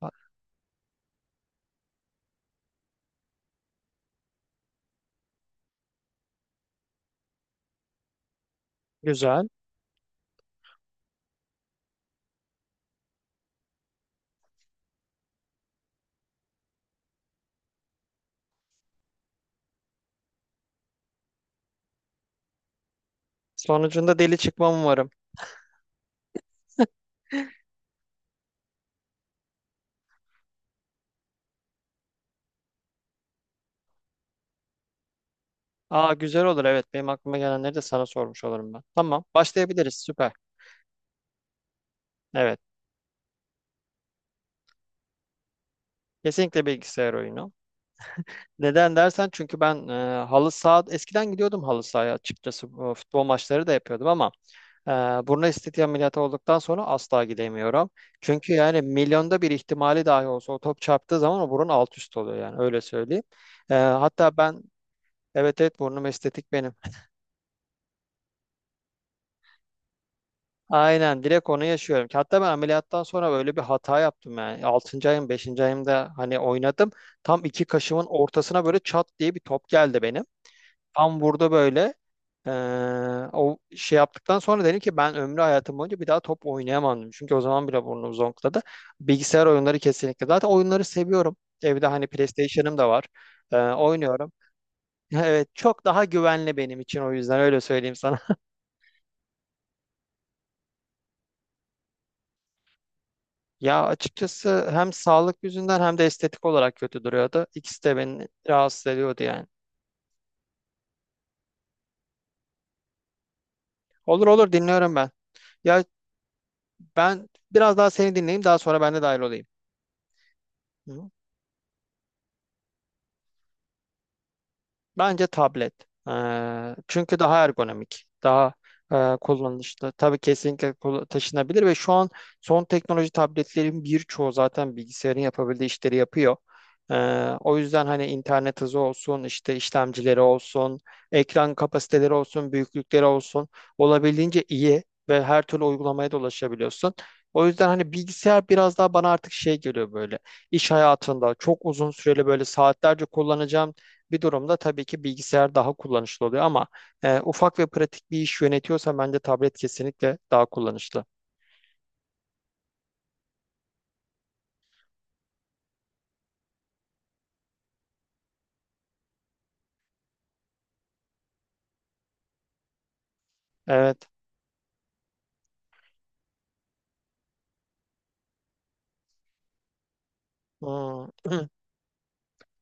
Ha- Güzel. Sonucunda deli çıkmam umarım. Aa, güzel olur, evet. Benim aklıma gelenleri de sana sormuş olurum ben. Tamam, başlayabiliriz, süper. Evet. Kesinlikle bilgisayar oyunu. Neden dersen, çünkü ben halı saha eskiden gidiyordum, halı sahaya açıkçası. Bu futbol maçları da yapıyordum ama Ee, burun estetiği ameliyatı olduktan sonra asla gidemiyorum. Çünkü yani milyonda bir ihtimali dahi olsa o top çarptığı zaman o burun alt üst oluyor, yani öyle söyleyeyim. Hatta ben. Evet, evet, burnum estetik benim. Aynen, direkt onu yaşıyorum. Hatta ben ameliyattan sonra böyle bir hata yaptım yani. 6. ayım, 5. ayımda hani oynadım. Tam iki kaşımın ortasına böyle çat diye bir top geldi benim. Tam vurdu böyle. O şey yaptıktan sonra dedim ki ben ömrü hayatım boyunca bir daha top oynayamam. Çünkü o zaman bile burnum zonkladı. Bilgisayar oyunları kesinlikle. Zaten oyunları seviyorum. Evde hani PlayStation'ım da var. Oynuyorum. Evet, çok daha güvenli benim için, o yüzden öyle söyleyeyim sana. Ya açıkçası hem sağlık yüzünden hem de estetik olarak kötü duruyordu. İkisi de beni rahatsız ediyordu yani. Olur, olur, dinliyorum ben. Ya, ben biraz daha seni dinleyeyim, daha sonra ben de dahil olayım. Hı. Bence tablet. Çünkü daha ergonomik, daha kullanışlı. Tabii kesinlikle, taşınabilir ve şu an son teknoloji tabletlerin birçoğu zaten bilgisayarın yapabildiği işleri yapıyor. Ee, o yüzden hani internet hızı olsun, işte işlemcileri olsun, ekran kapasiteleri olsun, büyüklükleri olsun olabildiğince iyi ve her türlü uygulamaya da ulaşabiliyorsun. O yüzden hani bilgisayar biraz daha bana artık şey geliyor böyle. İş hayatında çok uzun süreli böyle saatlerce kullanacağım bir durumda tabii ki bilgisayar daha kullanışlı oluyor ama ufak ve pratik bir iş yönetiyorsa bence tablet kesinlikle daha kullanışlı. Evet. Hmm.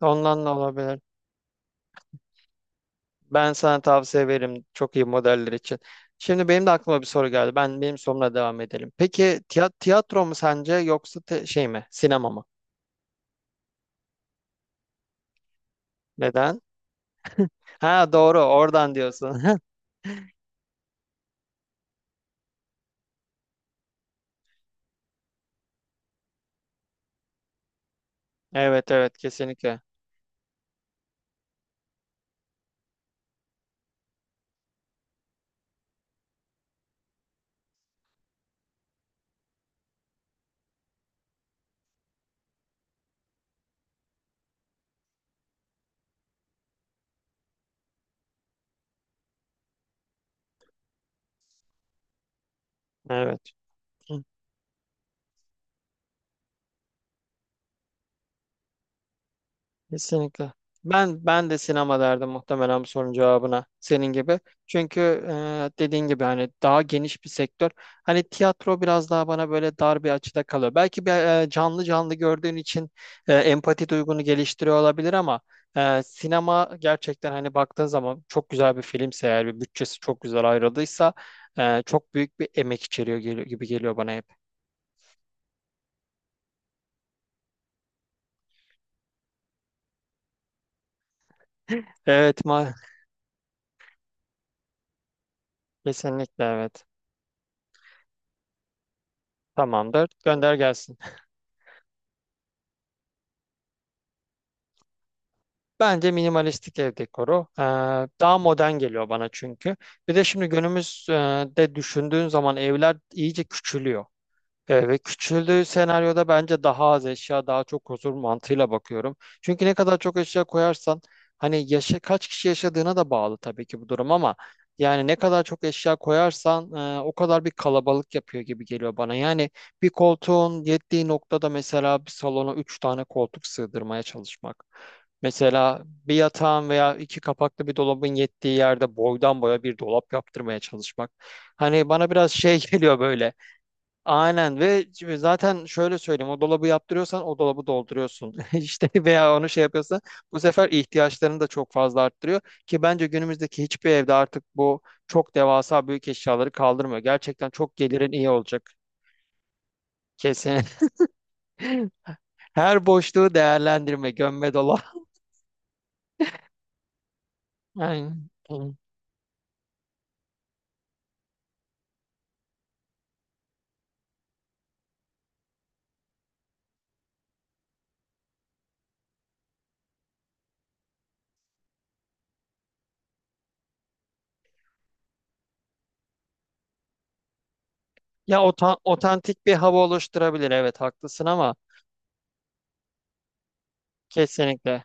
Ondan da olabilir. Ben sana tavsiye veririm çok iyi modeller için. Şimdi benim de aklıma bir soru geldi. Ben benim sorumla devam edelim. Peki, tiyatro mu sence, yoksa şey mi? Sinema mı? Neden? Ha, doğru, oradan diyorsun. Evet, evet, kesinlikle. Evet. Kesinlikle. Ben de sinema derdim muhtemelen bu sorunun cevabına, senin gibi. Çünkü e, dediğin gibi hani daha geniş bir sektör. Hani tiyatro biraz daha bana böyle dar bir açıda kalıyor. Belki bir, canlı canlı gördüğün için empati duygunu geliştiriyor olabilir ama sinema gerçekten, hani baktığın zaman çok güzel bir filmse eğer, bir bütçesi çok güzel ayrıldıysa çok büyük bir emek içeriyor, geliyor, gibi geliyor bana hep. Evet ma, kesinlikle evet. Tamamdır. Gönder gelsin. Bence minimalistik ev dekoru. Daha modern geliyor bana çünkü. Bir de şimdi günümüzde düşündüğün zaman evler iyice küçülüyor. Evet, ve küçüldüğü senaryoda bence daha az eşya, daha çok huzur mantığıyla bakıyorum. Çünkü ne kadar çok eşya koyarsan, hani yaşa, kaç kişi yaşadığına da bağlı tabii ki bu durum ama yani ne kadar çok eşya koyarsan o kadar bir kalabalık yapıyor gibi geliyor bana. Yani bir koltuğun yettiği noktada mesela bir salona üç tane koltuk sığdırmaya çalışmak. Mesela bir yatağın veya iki kapaklı bir dolabın yettiği yerde boydan boya bir dolap yaptırmaya çalışmak. Hani bana biraz şey geliyor böyle. Aynen, ve şimdi zaten şöyle söyleyeyim, o dolabı yaptırıyorsan o dolabı dolduruyorsun işte, veya onu şey yapıyorsan bu sefer ihtiyaçlarını da çok fazla arttırıyor ki bence günümüzdeki hiçbir evde artık bu çok devasa büyük eşyaları kaldırmıyor, gerçekten çok gelirin iyi olacak kesin. Her boşluğu değerlendirme, gömme dola. Yani, ya otantik bir hava oluşturabilir, evet haklısın ama kesinlikle.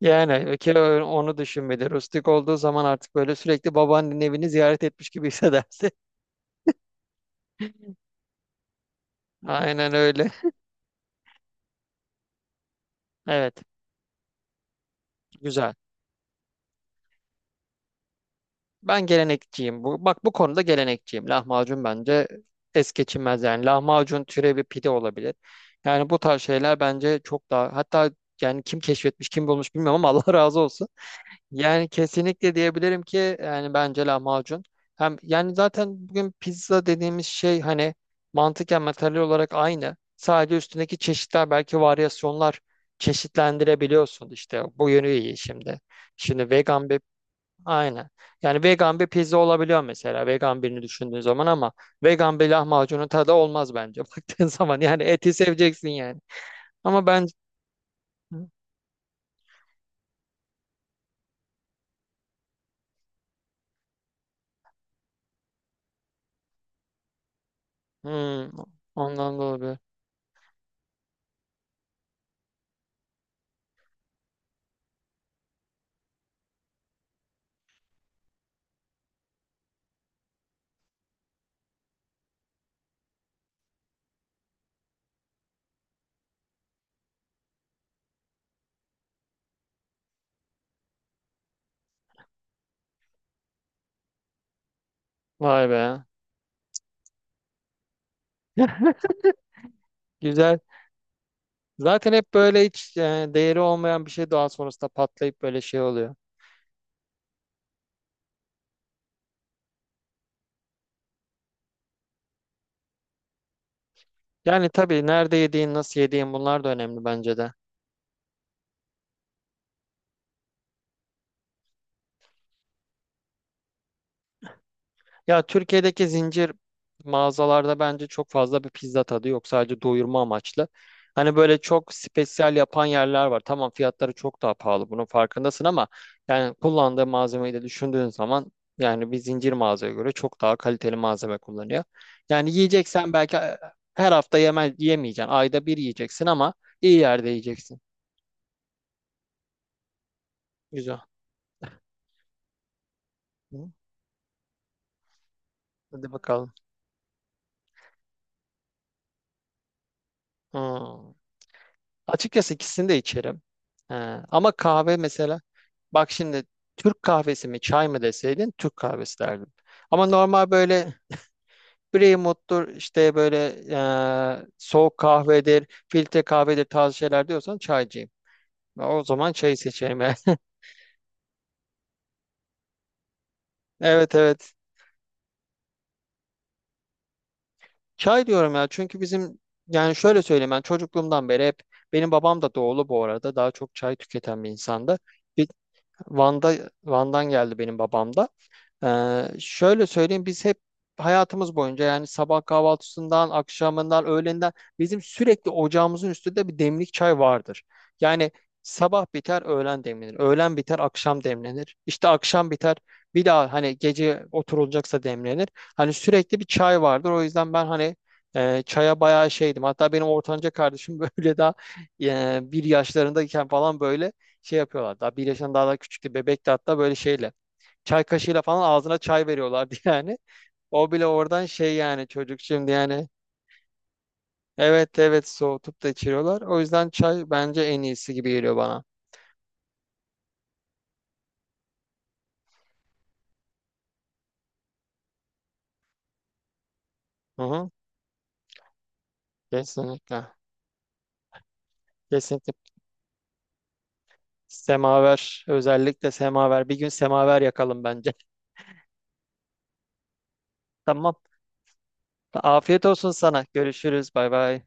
Yani ki onu düşün, rustik olduğu zaman artık böyle sürekli babaannenin evini ziyaret etmiş gibi hissedersin. Aynen öyle. Evet. Güzel. Ben gelenekçiyim. Bu, bak, bu konuda gelenekçiyim. Lahmacun bence es geçilmez yani. Lahmacun türevi bir pide olabilir. Yani bu tarz şeyler bence çok daha, hatta yani, kim keşfetmiş kim bulmuş bilmiyorum ama Allah razı olsun. Yani kesinlikle diyebilirim ki, yani bence lahmacun. Hem yani zaten bugün pizza dediğimiz şey hani mantıken materyal olarak aynı. Sadece üstündeki çeşitler, belki varyasyonlar çeşitlendirebiliyorsun işte. Bu yönü iyi şimdi. Şimdi vegan bir, aynı. Yani vegan bir pizza olabiliyor mesela, vegan birini düşündüğün zaman ama vegan bir lahmacunun tadı olmaz bence baktığın zaman. Yani eti seveceksin yani. Ama ben. Hmm, ondan da olabilir. Vay be. Güzel. Zaten hep böyle hiç değeri olmayan bir şey daha sonrasında patlayıp böyle şey oluyor. Yani tabii nerede yediğin, nasıl yediğin, bunlar da önemli bence de. Ya, Türkiye'deki zincir mağazalarda bence çok fazla bir pizza tadı yok. Sadece doyurma amaçlı. Hani böyle çok spesyal yapan yerler var. Tamam, fiyatları çok daha pahalı, bunun farkındasın ama yani kullandığı malzemeyi de düşündüğün zaman, yani bir zincir mağazaya göre çok daha kaliteli malzeme kullanıyor. Yani yiyeceksen, belki her hafta yeme, yemeyeceksin. Ayda bir yiyeceksin ama iyi yerde yiyeceksin. Güzel. Hı. Hadi bakalım. Hmm. Açıkçası ikisini de içerim. Ee, ama kahve mesela, bak şimdi, Türk kahvesi mi çay mı deseydin, Türk kahvesi derdim. Ama normal böyle Brewmut'tur, işte böyle soğuk kahvedir, filtre kahvedir tarzı şeyler diyorsan, çaycıyım. O zaman çayı seçerim yani. Evet, evet. Çay diyorum ya, çünkü bizim, yani şöyle söyleyeyim, ben çocukluğumdan beri hep, benim babam da doğulu bu arada, daha çok çay tüketen bir insandı. Bir, Van'da, Van'dan geldi benim babam da. Şöyle söyleyeyim, biz hep hayatımız boyunca, yani sabah kahvaltısından, akşamından, öğlenden, bizim sürekli ocağımızın üstünde bir demlik çay vardır. Yani sabah biter öğlen demlenir, öğlen biter akşam demlenir, işte akşam biter bir daha hani gece oturulacaksa demlenir. Hani sürekli bir çay vardır, o yüzden ben hani çaya bayağı şeydim. Hatta benim ortanca kardeşim böyle daha bir yaşlarındayken falan, böyle şey yapıyorlar. Daha bir yaşından daha da küçüktü, bebekti hatta, böyle şeyle. Çay kaşığıyla falan ağzına çay veriyorlardı yani. O bile oradan şey yani, çocuk şimdi yani. Evet, evet, soğutup da içiriyorlar. O yüzden çay bence en iyisi gibi geliyor bana. Hı hı, kesinlikle. Kesinlikle. Semaver. Özellikle semaver. Bir gün semaver yakalım bence. Tamam. Afiyet olsun sana. Görüşürüz. Bay bay.